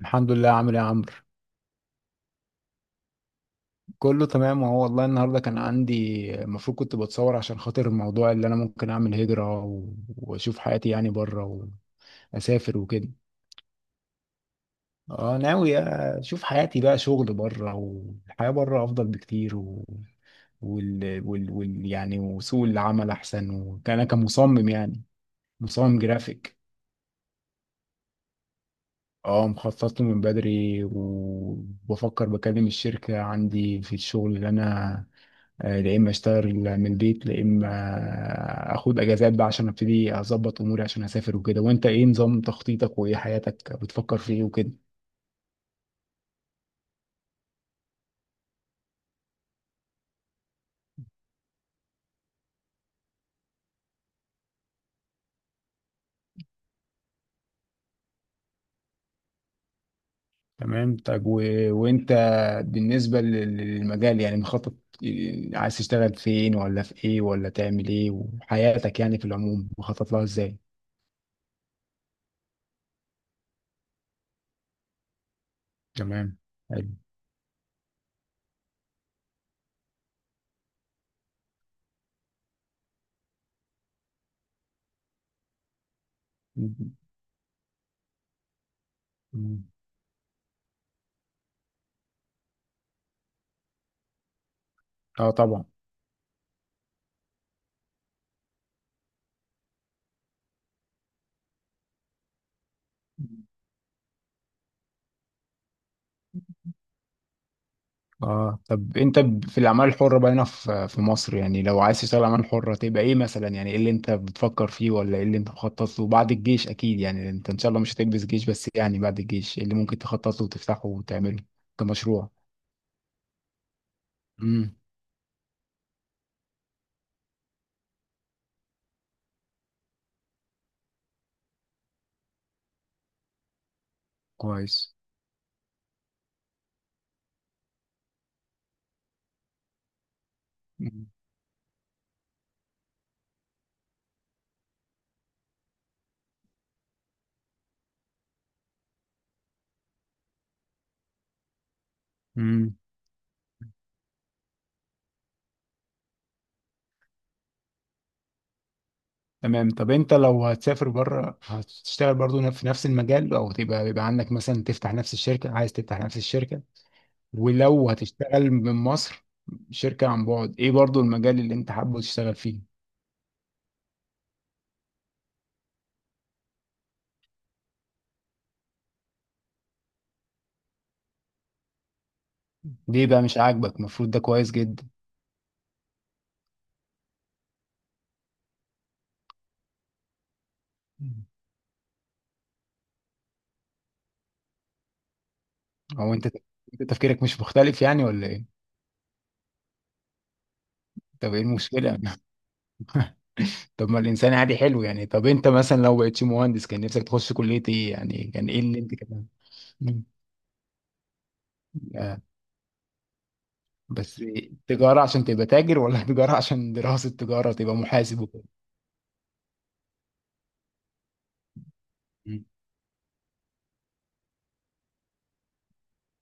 الحمد لله، عامل ايه يا عمرو؟ كله تمام. وهو والله النهارده كان عندي، المفروض كنت بتصور عشان خاطر الموضوع اللي انا ممكن اعمل هجرة واشوف حياتي يعني بره واسافر وكده. اه، ناوي. اشوف حياتي بقى شغل بره، والحياة بره افضل بكتير و... وال... وال... وال... يعني وسوق العمل احسن، وكان انا كمصمم يعني مصمم جرافيك. اه، مخطط له من بدري. وبفكر بكلم الشركة عندي في الشغل، اللي انا يا اما اشتغل من البيت يا اما اخد اجازات بقى، عشان ابتدي اظبط اموري عشان اسافر وكده. وانت ايه نظام تخطيطك، وايه حياتك بتفكر في ايه وكده؟ تمام. طب وانت بالنسبة للمجال يعني مخطط، عايز تشتغل فين ولا في ايه ولا تعمل ايه، وحياتك يعني في العموم مخطط لها ازاي؟ تمام. حلو. م- م- اه، طبعا. اه، طب انت في الاعمال الحره بقى هنا في مصر، يعني لو عايز تشتغل اعمال حره تبقى ايه مثلا؟ يعني ايه اللي انت بتفكر فيه، ولا ايه اللي انت مخطط له بعد الجيش؟ اكيد يعني انت ان شاء الله مش هتلبس جيش، بس يعني بعد الجيش إيه اللي ممكن تخطط له وتفتحه وتعمله كمشروع؟ امم. كويس. امم. تمام. طب انت لو هتسافر بره، هتشتغل برضو في نفس المجال، او تبقى بيبقى عندك مثلا تفتح نفس الشركه، عايز تفتح نفس الشركه؟ ولو هتشتغل من مصر شركه عن بعد، ايه برضو المجال اللي انت حابب تشتغل فيه؟ ليه بقى مش عاجبك؟ المفروض ده كويس جدا. هو انت تفكيرك مش مختلف يعني، ولا ايه؟ طب ايه المشكلة؟ طب ما الانسان عادي حلو يعني. طب انت مثلا لو بقيتش مهندس، كان نفسك تخش كلية ايه؟ يعني كان ايه اللي انت كده؟ مم. آه، بس تجارة عشان تبقى تاجر، ولا تجارة عشان دراسة تجارة تبقى محاسب وكده؟ مم.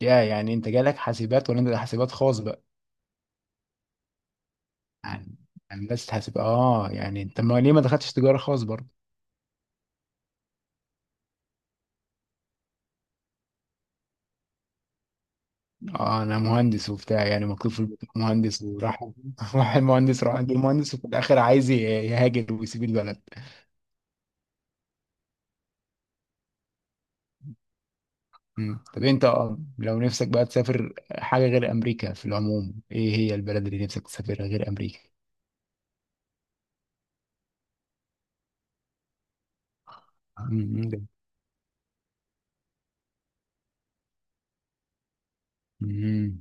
يا يعني انت جالك حاسبات، ولا انت حاسبات خاص بقى؟ يعني هندسة حاسب. اه، يعني انت ما ليه ما دخلتش تجارة خاص برضه؟ اه، انا مهندس وبتاع يعني، مكتوب في البطاقه مهندس وراح راح المهندس راح عند المهندس، وفي الاخر عايز يهاجر ويسيب البلد. مم. طب انت لو نفسك بقى تسافر حاجه غير امريكا، في العموم ايه هي البلد اللي نفسك تسافرها غير امريكا؟ مم. ده. مم.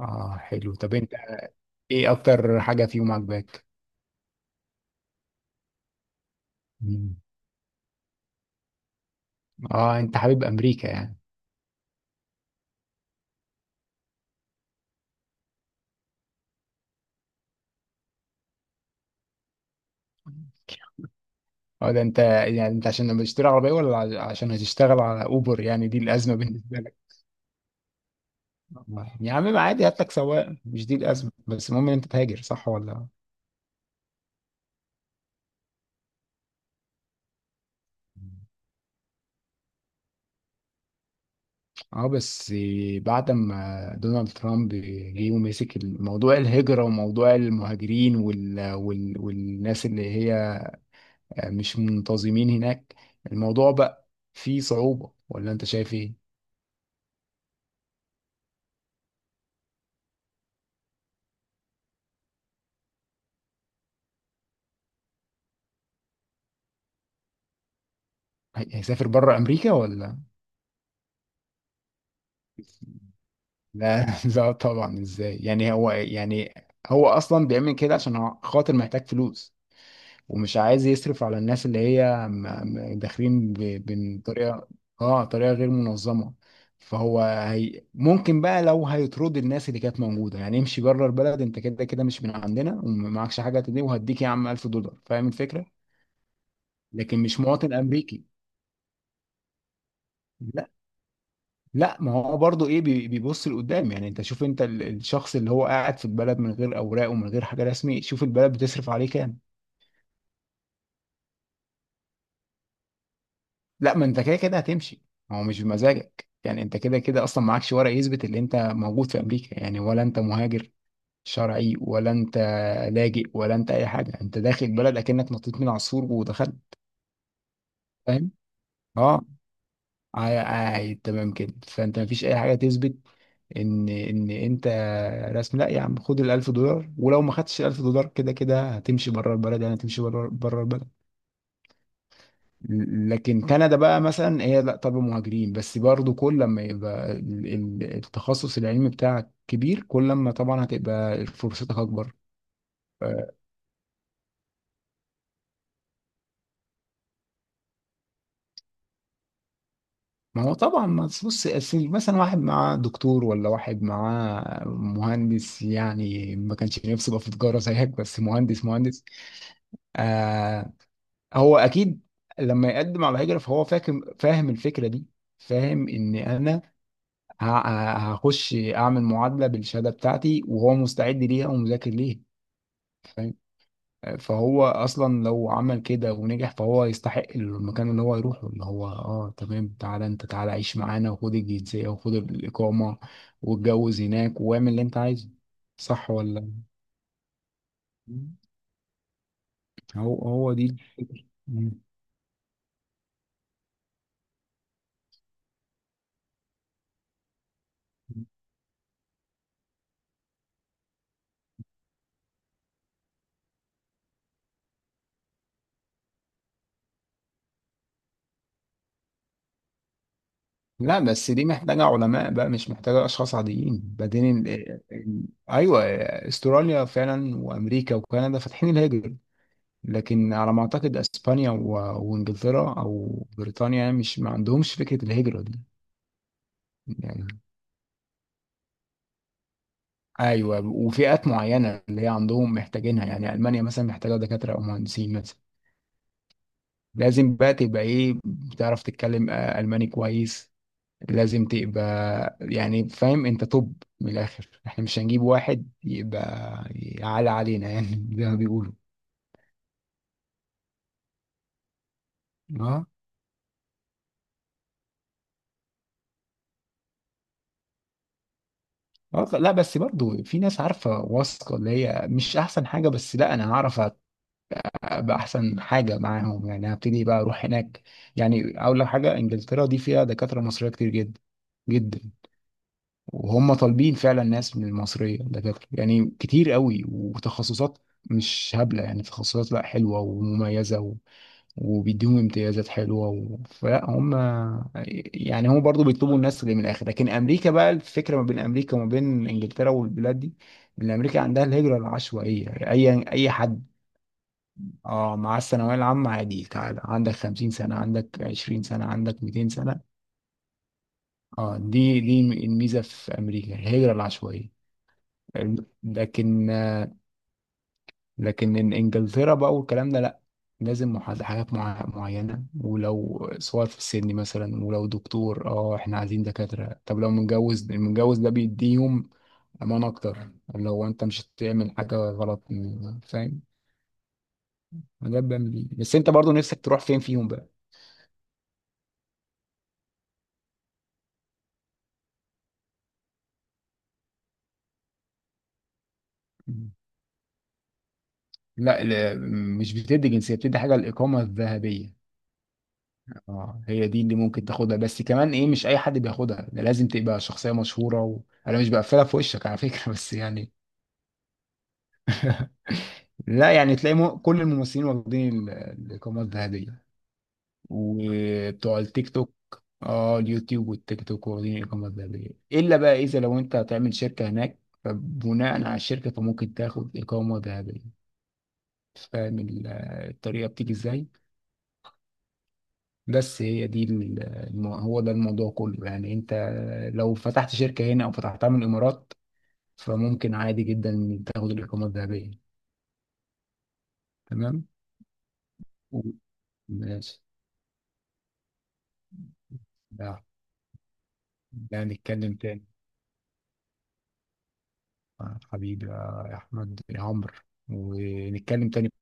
اه، حلو. طب انت ايه اكتر حاجه فيهم عجباك؟ مم. اه، انت حبيب امريكا يعني؟ اه، ده انت يعني انت عشان لما تشتري عربيه، ولا عشان هتشتغل على اوبر؟ يعني دي الازمه بالنسبه. يا عم ما عادي، هات لك سواق، مش دي الأزمة، بس المهم إن أنت تهاجر صح ولا؟ اه، بس بعد ما دونالد ترامب جه ومسك موضوع الهجرة وموضوع المهاجرين والناس اللي هي مش منتظمين هناك، الموضوع بقى فيه صعوبة ولا انت شايف ايه؟ هيسافر بره امريكا ولا؟ لا لا، طبعا. ازاي؟ يعني هو، يعني هو اصلا بيعمل كده عشان خاطر محتاج فلوس. ومش عايز يصرف على الناس اللي هي داخلين بطريقه. اه، طريقه غير منظمه. هي ممكن بقى، لو هيطرد الناس اللي كانت موجوده، يعني امشي بره البلد، انت كده كده مش من عندنا ومعكش حاجه تدي، وهديك يا عم 1000 دولار، فاهم الفكره؟ لكن مش مواطن امريكي. لا، لا، ما هو برضه ايه بيبص لقدام. يعني انت شوف، انت الشخص اللي هو قاعد في البلد من غير اوراق ومن غير حاجه رسمي، شوف البلد بتصرف عليه كام. لا، ما انت كده كده هتمشي. هو مش بمزاجك، يعني انت كده كده اصلا معكش ورق يثبت ان انت موجود في امريكا، يعني ولا انت مهاجر شرعي، ولا انت لاجئ، ولا انت اي حاجه. انت داخل بلد اكنك نطيت من عصفور ودخلت. فاهم. اه، تمام كده. فانت مفيش اي حاجه تثبت ان انت رسمي، لا يا عم، خد الألف دولار. ولو ما خدتش الألف دولار كده كده هتمشي بره البلد، يعني هتمشي بره البلد. لكن كندا بقى مثلا، هي لا، طب مهاجرين بس برضو، كل لما يبقى التخصص العلمي بتاعك كبير، كل لما طبعا هتبقى فرصتك اكبر. ف- ما هو طبعا، ما تبص أصل مثلا، واحد معاه دكتور، ولا واحد معاه مهندس. يعني ما كانش نفسه يبقى في تجارة زيك، بس مهندس مهندس. آه. هو اكيد، لما يقدم على هجرة فهو فاهم الفكرة دي. فاهم ان انا هخش اعمل معادله بالشهاده بتاعتي، وهو مستعد ليها ومذاكر ليها. فاهم. فهو اصلا لو عمل كده ونجح فهو يستحق المكان اللي هو يروحه، اللي هو اه تمام، تعالى انت تعالى، عيش معانا وخد الجنسيه وخد الاقامه، واتجوز هناك واعمل اللي انت عايزه. صح ولا؟ مم. هو دي. مم. لا، بس دي محتاجة علماء بقى، مش محتاجة أشخاص عاديين. بعدين أيوة، أستراليا فعلا وأمريكا وكندا فاتحين الهجرة. لكن على ما اعتقد اسبانيا وانجلترا او بريطانيا، يعني مش ما عندهمش فكره الهجره دي. يعني ايوه، وفئات معينه اللي هي عندهم محتاجينها. يعني المانيا مثلا محتاجه دكاتره او مهندسين مثلا. لازم بقى تبقى ايه، بتعرف تتكلم الماني كويس. لازم تبقى يعني فاهم انت. طب من الاخر، احنا مش هنجيب واحد يبقى يعلى علينا يعني زي ما بيقولوا. اه. آه، لا، بس برضو في ناس عارفه واثقه اللي هي مش احسن حاجه، بس لا انا هعرف ابقى احسن حاجه معاهم، يعني هبتدي بقى اروح هناك. يعني اول حاجه، انجلترا دي فيها دكاتره مصريه كتير جدا جدا. وهم طالبين فعلا ناس من المصريه دكاتره، يعني كتير قوي وتخصصات مش هبله، يعني تخصصات لا حلوه ومميزه وبيديهم امتيازات حلوه فلا هم. يعني هم برضو بيطلبوا الناس اللي من الاخر. لكن امريكا بقى، الفكره ما بين امريكا وما بين انجلترا والبلاد دي ان امريكا عندها الهجره العشوائيه، اي حد. اه، مع الثانوية العامة عادي، تعالى عندك 50 سنة، عندك 20 سنة، عندك 200 سنة. اه، دي الميزة في أمريكا، الهجرة العشوائية. لكن لكن إنجلترا بقى والكلام ده لأ. لازم حاجات معينة، ولو صور في السن مثلا، ولو دكتور احنا عايزين دكاترة طب. لو متجوز، المتجوز ده بيديهم أمان أكتر. لو أنت مش هتعمل حاجة غلط. فاهم. ده بيعمل إيه؟ بس أنت برضو نفسك تروح فين فيهم؟ بقى. لا، لا، مش بتدي جنسية، بتدي حاجة الإقامة الذهبية. اه، هي دي اللي ممكن تاخدها. بس كمان إيه، مش أي حد بياخدها، ده لازم تبقى شخصية مشهورة. أنا مش بقفلها في وشك على فكرة، بس يعني. لا، يعني تلاقي كل الممثلين واخدين الإقامة الذهبية. وبتوع التيك توك. اه، اليوتيوب والتيك توك واخدين الإقامة الذهبية. إلا بقى إذا لو أنت هتعمل شركة هناك، فبناء على الشركة فممكن تاخد إقامة ذهبية. فاهم الطريقة بتيجي إزاي؟ بس هي دي هو ده الموضوع كله. يعني انت لو فتحت شركة هنا او فتحتها من الامارات، فممكن عادي جدا تاخد الاقامة الذهبية. تمام. و- ماشي. ده ده نتكلم تاني. حبيبي يا احمد يا عمرو، ونتكلم تاني.